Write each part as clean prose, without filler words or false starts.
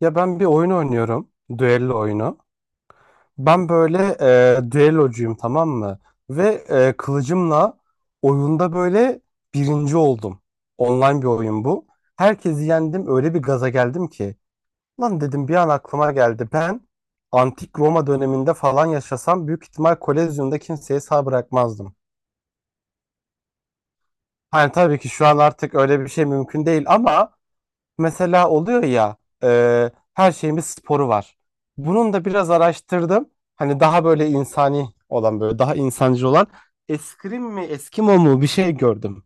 Ya ben bir oyun oynuyorum. Düello oyunu. Ben böyle düellocuyum, tamam mı? Ve kılıcımla oyunda böyle birinci oldum. Online bir oyun bu. Herkesi yendim, öyle bir gaza geldim ki. Lan dedim, bir an aklıma geldi. Ben antik Roma döneminde falan yaşasam, büyük ihtimal Kolezyum'da kimseye sağ bırakmazdım. Hani tabii ki şu an artık öyle bir şey mümkün değil ama mesela oluyor ya, her şeyin bir sporu var. Bunun da biraz araştırdım. Hani daha böyle insani olan, böyle daha insancı olan eskrim mi, eskimo mu bir şey gördüm.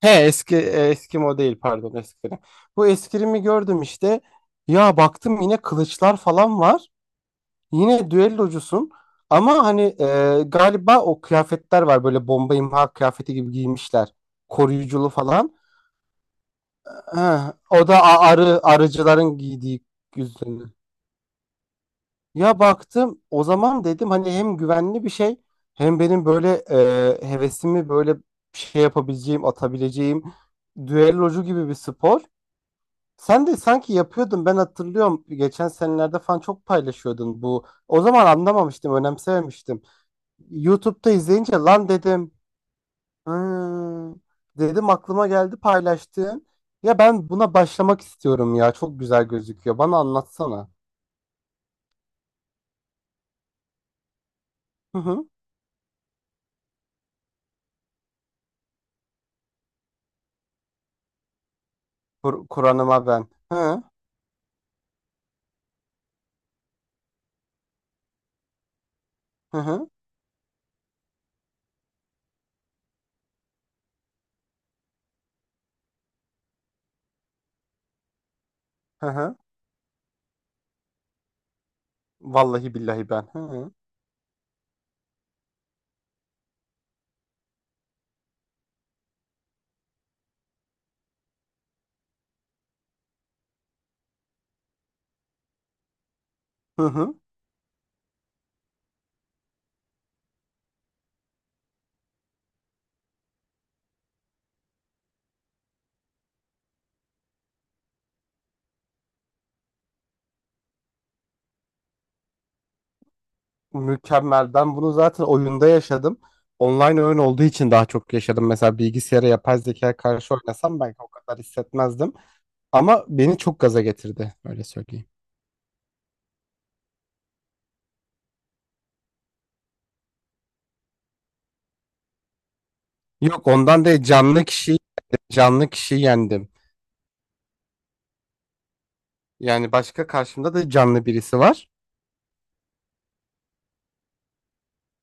He, eski eskimo değil, pardon, eskrim. Bu eskrimi gördüm işte. Ya baktım, yine kılıçlar falan var. Yine düellocusun. Ama hani galiba o kıyafetler var, böyle bomba imha kıyafeti gibi giymişler. Koruyuculu falan. Ha, o da arı, arıcıların giydiği yüzünü. Ya baktım, o zaman dedim hani hem güvenli bir şey, hem benim böyle hevesimi böyle şey yapabileceğim, atabileceğim düellocu gibi bir spor. Sen de sanki yapıyordun, ben hatırlıyorum, geçen senelerde falan çok paylaşıyordun bu. O zaman anlamamıştım, önemsememiştim. YouTube'da izleyince lan dedim. Ha, dedim, aklıma geldi paylaştığın. Ya ben buna başlamak istiyorum ya. Çok güzel gözüküyor. Bana anlatsana. Hı hı. Kur'an'ıma ben. Hı hı. Hı hı. Hı. Vallahi billahi ben. Hı hı. Hı hı. Mükemmel. Ben bunu zaten oyunda yaşadım. Online oyun olduğu için daha çok yaşadım. Mesela bilgisayara, yapay zekaya karşı oynasam belki o kadar hissetmezdim. Ama beni çok gaza getirdi. Öyle söyleyeyim. Yok, ondan değil, canlı kişiyi, canlı kişiyi yendim. Yani başka, karşımda da canlı birisi var.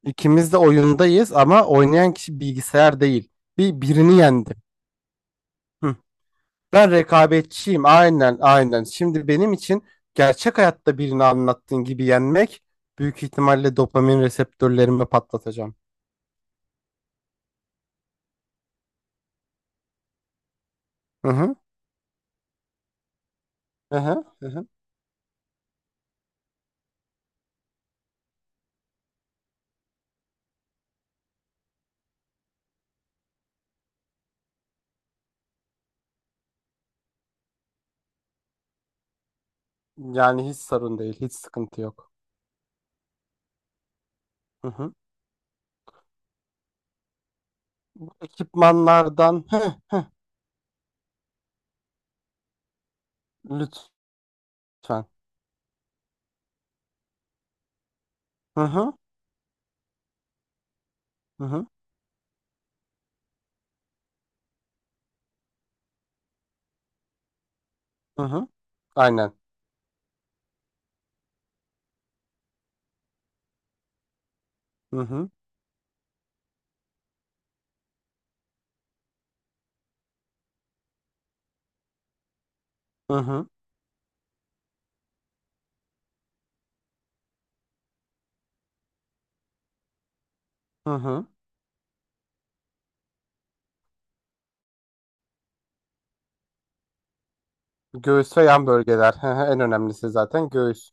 İkimiz de oyundayız ama oynayan kişi bilgisayar değil. Bir birini yendim. Hı. Ben rekabetçiyim. Aynen, aynen. Şimdi benim için gerçek hayatta birini anlattığın gibi yenmek, büyük ihtimalle dopamin reseptörlerimi patlatacağım. Hı hı. Hı hı. Hı hı. Yani hiç sorun değil, hiç sıkıntı yok. Hı hı. Ekipmanlardan, hı, lütfen. Hı hı. Hı hı. Hı hı. Aynen. Hı hı. Hı hı. Hı hı. Göğüs ve yan bölgeler. Hı hı, en önemlisi zaten göğüs.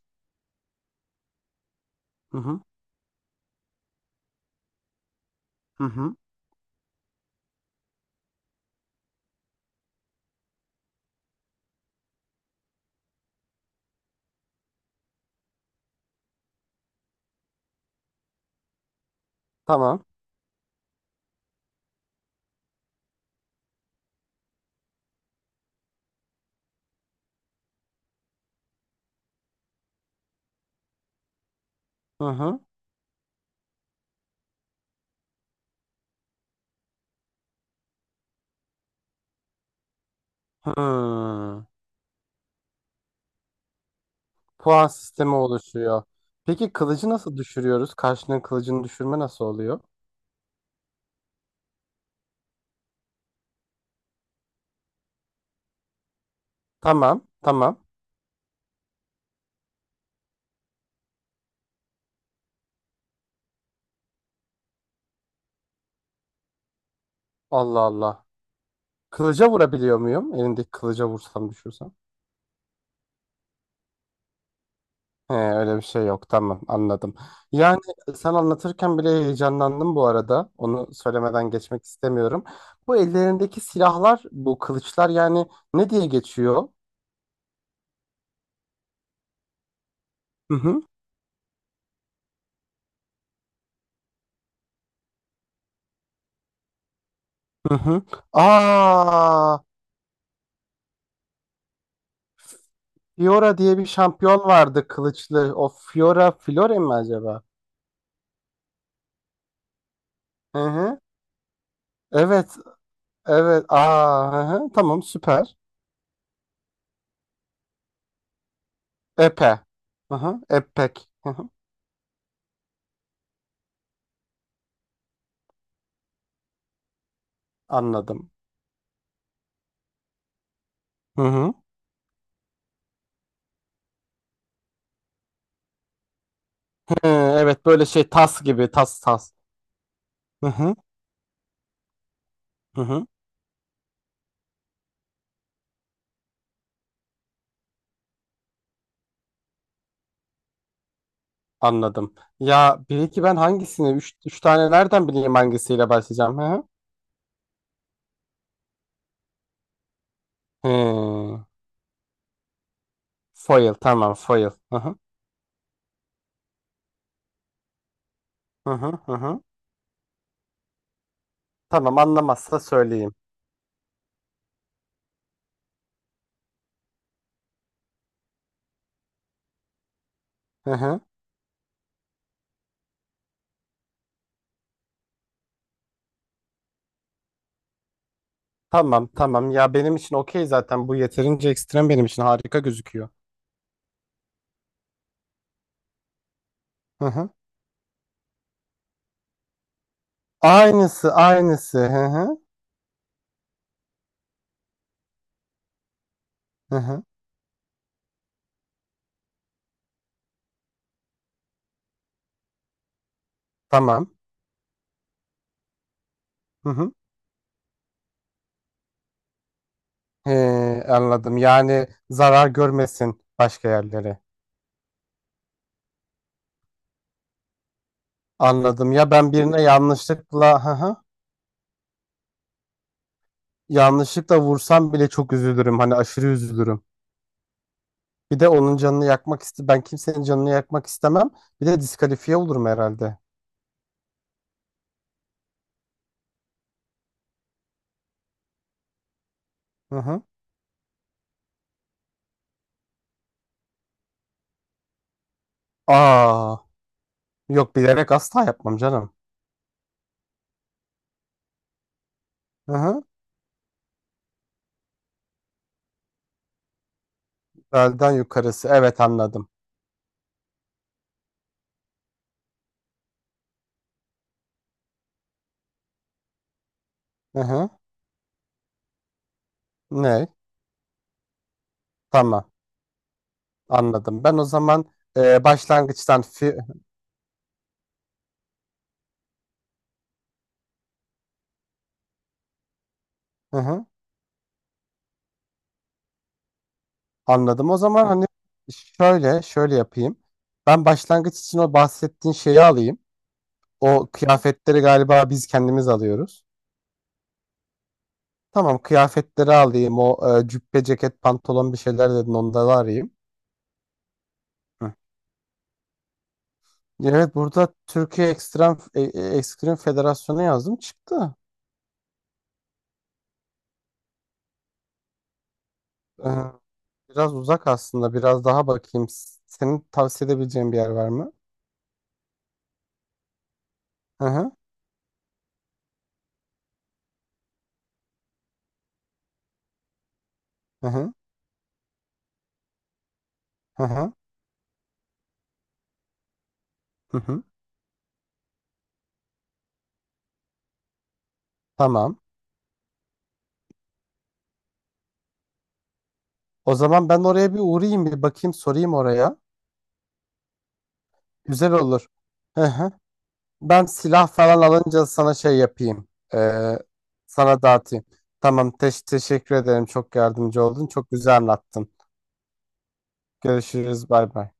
Hı hı. Hı hı. Tamam. Hı hı. Hı. Puan sistemi oluşuyor. Peki kılıcı nasıl düşürüyoruz? Karşının kılıcını düşürme nasıl oluyor? Tamam. Tamam. Allah Allah. Kılıca vurabiliyor muyum? Elindeki kılıca vursam, düşürsem. He, öyle bir şey yok. Tamam, anladım. Yani sen anlatırken bile heyecanlandım bu arada. Onu söylemeden geçmek istemiyorum. Bu ellerindeki silahlar, bu kılıçlar yani ne diye geçiyor? Hı hı. Aa, Fiora diye bir şampiyon vardı kılıçlı. O Fiora Flore mi acaba? Hı hı. Evet, evet. Aa, hı hı. Tamam, süper. Epe. Hı hı. Epek. Hı hı. Anladım. Hı hı. Hı, evet, böyle şey tas gibi, tas tas. Hı hı. Hı hı. Anladım. Ya bir ki ben hangisini, üç, üç tane nereden bileyim hangisiyle başlayacağım? Hı hı. Hı. Foil, tamam, foil. Hı hı. Hı hı. Hı hı. Tamam, anlamazsa söyleyeyim. Hı hı. Tamam tamam ya, benim için okey, zaten bu yeterince ekstrem, benim için harika gözüküyor. Hı hı. Aynısı aynısı. Hı hı. Hı hı. Tamam. Hı hı. Anladım. Yani zarar görmesin başka yerlere. Anladım. Ya ben birine yanlışlıkla hı hı. Yanlışlıkla vursam bile çok üzülürüm. Hani aşırı üzülürüm. Bir de onun canını yakmak iste, ben kimsenin canını yakmak istemem. Bir de diskalifiye olurum herhalde. Hı hı. Aa, yok, bilerek asla yapmam canım. Hı hı. Belden yukarısı. Evet, anladım. Hı hı. Ne? Tamam. Anladım. Ben o zaman e, başlangıçtan fi- hı hı. Anladım. O zaman hani şöyle, şöyle yapayım. Ben başlangıç için o bahsettiğin şeyi alayım. O kıyafetleri galiba biz kendimiz alıyoruz. Tamam, kıyafetleri alayım. O cübbe, ceket, pantolon bir şeyler dedin, onları arayayım. Hı. Evet, burada Türkiye Ekstrem Ekstrem Federasyonu yazdım, çıktı. Biraz uzak aslında. Biraz daha bakayım. Senin tavsiye edebileceğin bir yer var mı? Hı hı. Hı hı. Hı hı. Hı hı. Tamam. O zaman ben oraya bir uğrayayım, bir bakayım, sorayım oraya. Güzel olur. Hı hı. Ben silah falan alınca sana şey yapayım. Ee, sana dağıtayım. Tamam. Teşekkür ederim. Çok yardımcı oldun. Çok güzel anlattın. Görüşürüz. Bay bay.